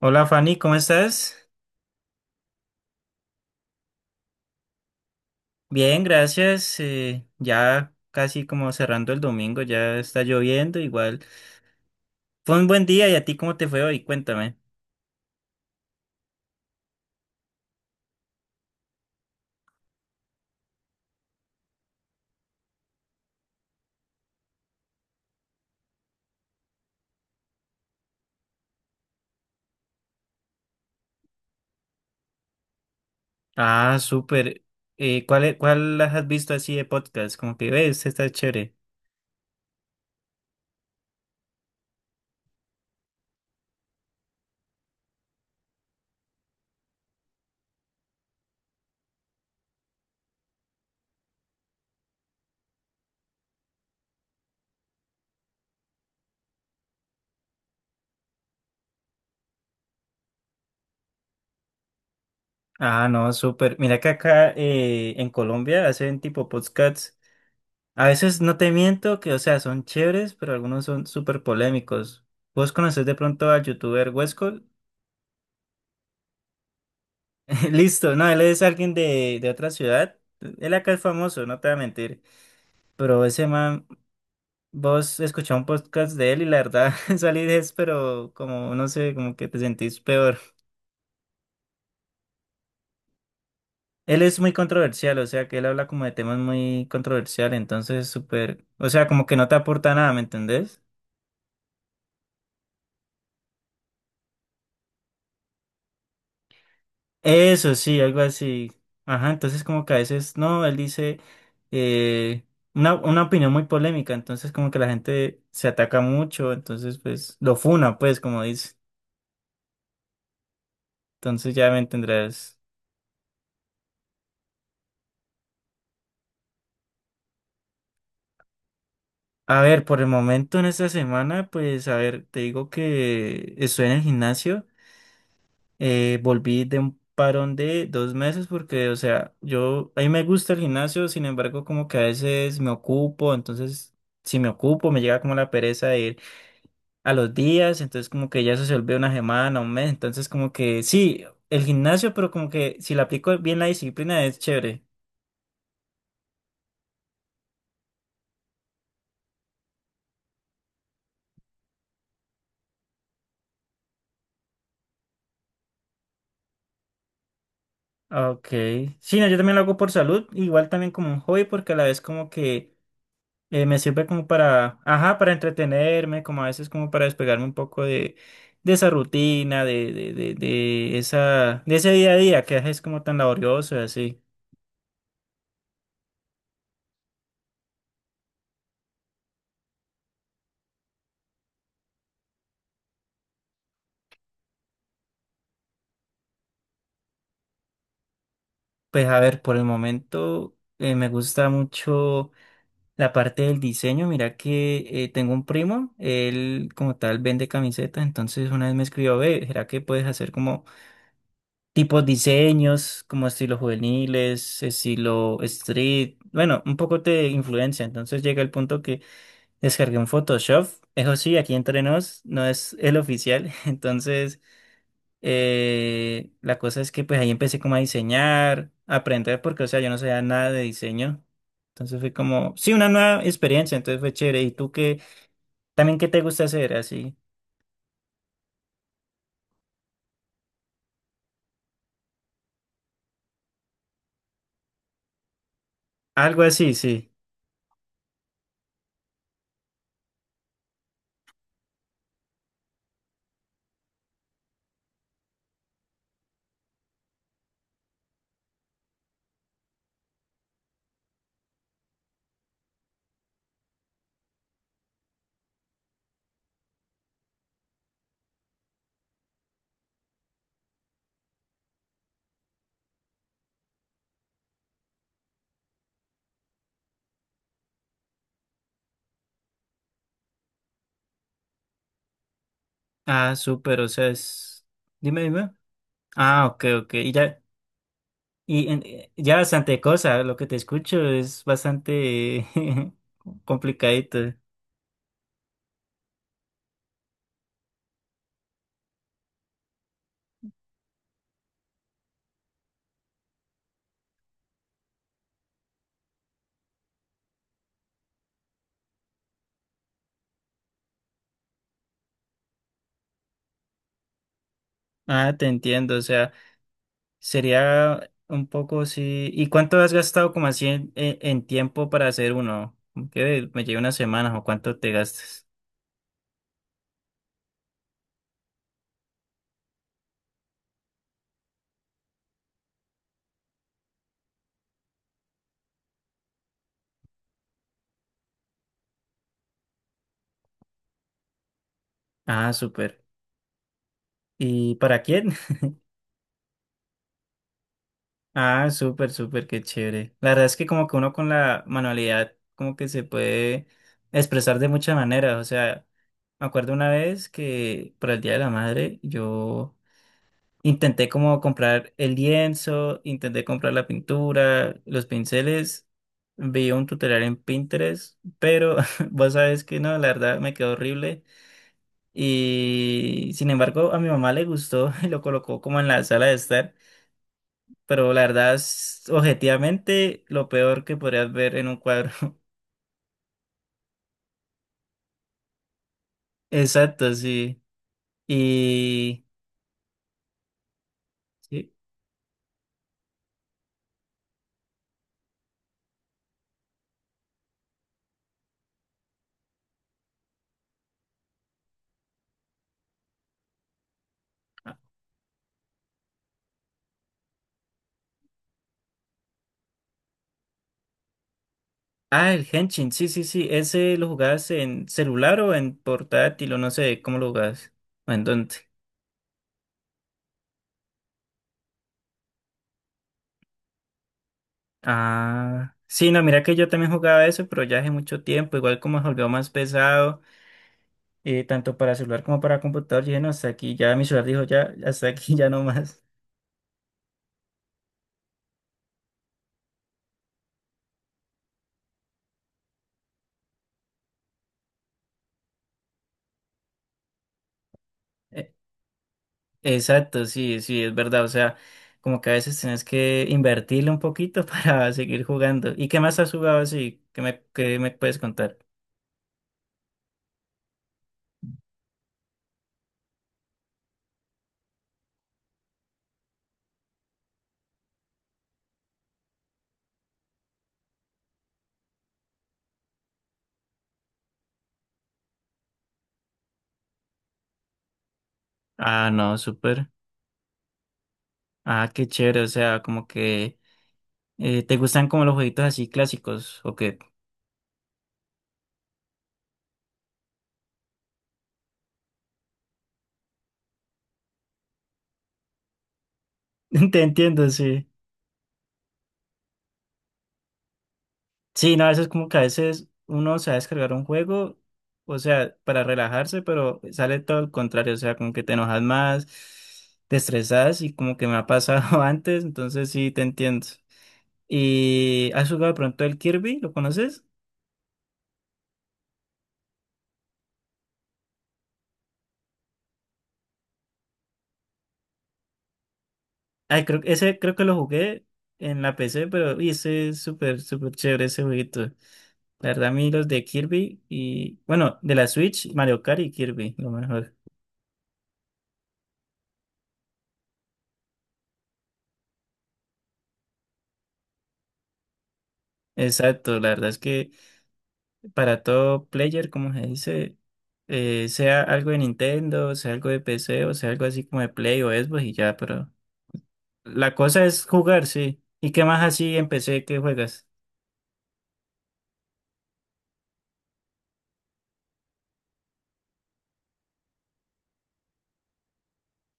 Hola Fanny, ¿cómo estás? Bien, gracias. Ya casi como cerrando el domingo, ya está lloviendo igual. Fue un buen día. Y a ti, ¿cómo te fue hoy? Cuéntame. Ah, súper. ¿Cuál las has visto así de podcast? Como que ves, está chévere. Ah, no, súper. Mira que acá en Colombia hacen tipo podcasts. A veces no te miento que, o sea, son chéveres, pero algunos son súper polémicos. ¿Vos conocés de pronto al youtuber Huesco? Listo, no, él es alguien de otra ciudad. Él acá es famoso, no te voy a mentir. Pero ese man, vos escuchás un podcast de él y la verdad salí de eso, pero como no sé, como que te sentís peor. Él es muy controversial, o sea que él habla como de temas muy controversiales, entonces súper, o sea, como que no te aporta nada, ¿me entendés? Eso sí, algo así. Ajá, entonces como que a veces, no, él dice eh, una opinión muy polémica, entonces como que la gente se ataca mucho, entonces pues lo funa, pues como dice. Entonces ya me entenderás. A ver, por el momento en esta semana, pues a ver, te digo que estoy en el gimnasio. Volví de un parón de dos meses porque, o sea, yo, a mí me gusta el gimnasio, sin embargo como que a veces me ocupo, entonces si me ocupo me llega como la pereza de ir a los días, entonces como que ya eso se vuelve una semana, un mes, entonces como que sí, el gimnasio, pero como que si le aplico bien la disciplina es chévere. Ah, ok, sí, no, yo también lo hago por salud, igual también como un hobby, porque a la vez como que me sirve como para, ajá, para entretenerme, como a veces como para despegarme un poco de esa rutina, de esa, de ese día a día que es como tan laborioso y así. Pues a ver, por el momento me gusta mucho la parte del diseño. Mira que tengo un primo, él como tal vende camisetas, entonces una vez me escribió, ve, ¿será que puedes hacer como tipos diseños, como estilo juveniles, estilo street? Bueno, un poco te influencia, entonces llega el punto que descargué un Photoshop, eso sí, aquí entre nos, no es el oficial. Entonces la cosa es que pues ahí empecé como a diseñar, a aprender, porque o sea, yo no sabía nada de diseño. Entonces fue como, sí, una nueva experiencia, entonces fue chévere. ¿Y tú qué, también qué te gusta hacer así? Algo así, sí. Ah, súper, o sea, es... Dime, dime. Ah, ok, ok. Y ya, y ya bastante cosa, lo que te escucho es bastante complicadito. Ah, te entiendo, o sea. Sería un poco, sí. ¿Y cuánto has gastado como así en, en tiempo para hacer uno? Como que me lleva unas semanas o cuánto te gastas. Ah, súper. ¿Y para quién? Ah, súper, súper, qué chévere. La verdad es que como que uno con la manualidad como que se puede expresar de muchas maneras. O sea, me acuerdo una vez que para el Día de la Madre yo intenté como comprar el lienzo, intenté comprar la pintura, los pinceles, vi un tutorial en Pinterest, pero vos sabes que no, la verdad me quedó horrible. Y sin embargo, a mi mamá le gustó y lo colocó como en la sala de estar, pero la verdad es objetivamente lo peor que podrías ver en un cuadro. Exacto, sí. Y sí. Ah, el Henshin, sí, sí, sí. ¿Ese lo jugabas en celular o en portátil o no sé cómo lo jugabas? ¿O en dónde? Ah, sí, no, mira que yo también jugaba eso, pero ya hace mucho tiempo, igual como se volvió más pesado. Tanto para celular como para computador, dije, no, hasta aquí, ya mi celular dijo, ya, hasta aquí, ya no más. Eh, exacto, sí, sí, es verdad, o sea, como que a veces tienes que invertirle un poquito para seguir jugando. ¿Y qué más has jugado así? Qué me puedes contar? Ah, no, súper. Ah, qué chévere, o sea, como que te gustan como los jueguitos así clásicos, ¿o qué? Te entiendo, sí. Sí, no, a veces como que a veces uno se va a descargar un juego, o sea, para relajarse, pero sale todo el contrario, o sea, como que te enojas más, te estresas y como que me ha pasado antes, entonces sí, te entiendo. ¿Y has jugado de pronto el Kirby? ¿Lo conoces? Ay, creo, ese creo que lo jugué en la PC, pero uy, ese es súper, súper chévere ese jueguito. La verdad, a mí los de Kirby y, bueno, de la Switch, Mario Kart y Kirby, lo mejor. Exacto, la verdad es que para todo player, como se dice, sea algo de Nintendo, sea algo de PC o sea algo así como de Play o Xbox y ya, pero la cosa es jugar, sí. ¿Y qué más así en PC que juegas?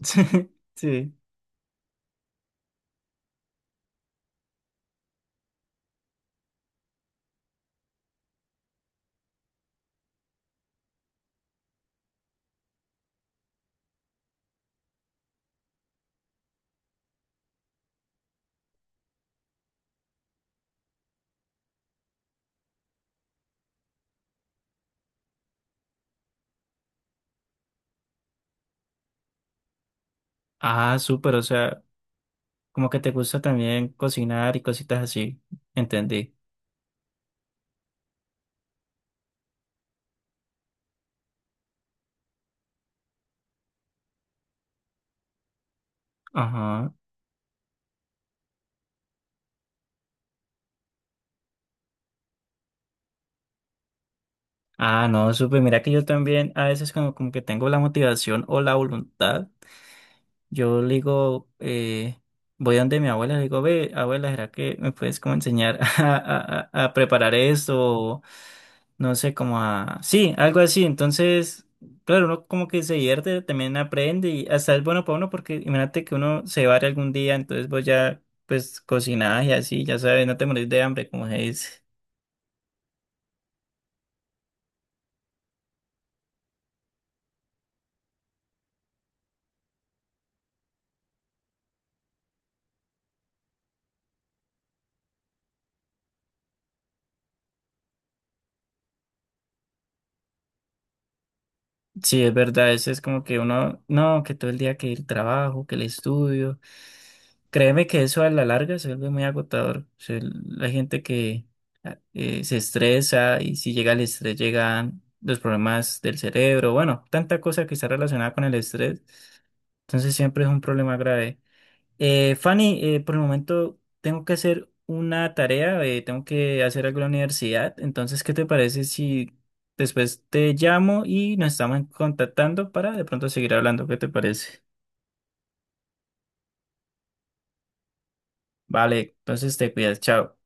Sí. Ah, súper, o sea, como que te gusta también cocinar y cositas así. Entendí. Ajá. Ah, no, súper. Mira que yo también a veces como, como que tengo la motivación o la voluntad. Yo le digo, voy donde mi abuela, le digo, ve, abuela, ¿será que me puedes como enseñar a, a preparar esto? O no sé, como a... Sí, algo así. Entonces, claro, uno como que se divierte, también aprende y hasta es bueno para uno porque imagínate que uno se va algún día, entonces vos ya, pues, cocinás y así, ya sabes, no te morís de hambre, como se dice. Sí, es verdad, eso es como que uno, no, que todo el día que el trabajo, que el estudio. Créeme que eso a la larga se vuelve muy agotador. O sea, la gente que se estresa y si llega el estrés llegan los problemas del cerebro, bueno, tanta cosa que está relacionada con el estrés. Entonces siempre es un problema grave. Fanny, por el momento tengo que hacer una tarea, tengo que hacer algo en la universidad, entonces, ¿qué te parece si después te llamo y nos estamos contactando para de pronto seguir hablando? ¿Qué te parece? Vale, entonces te cuidas, chao.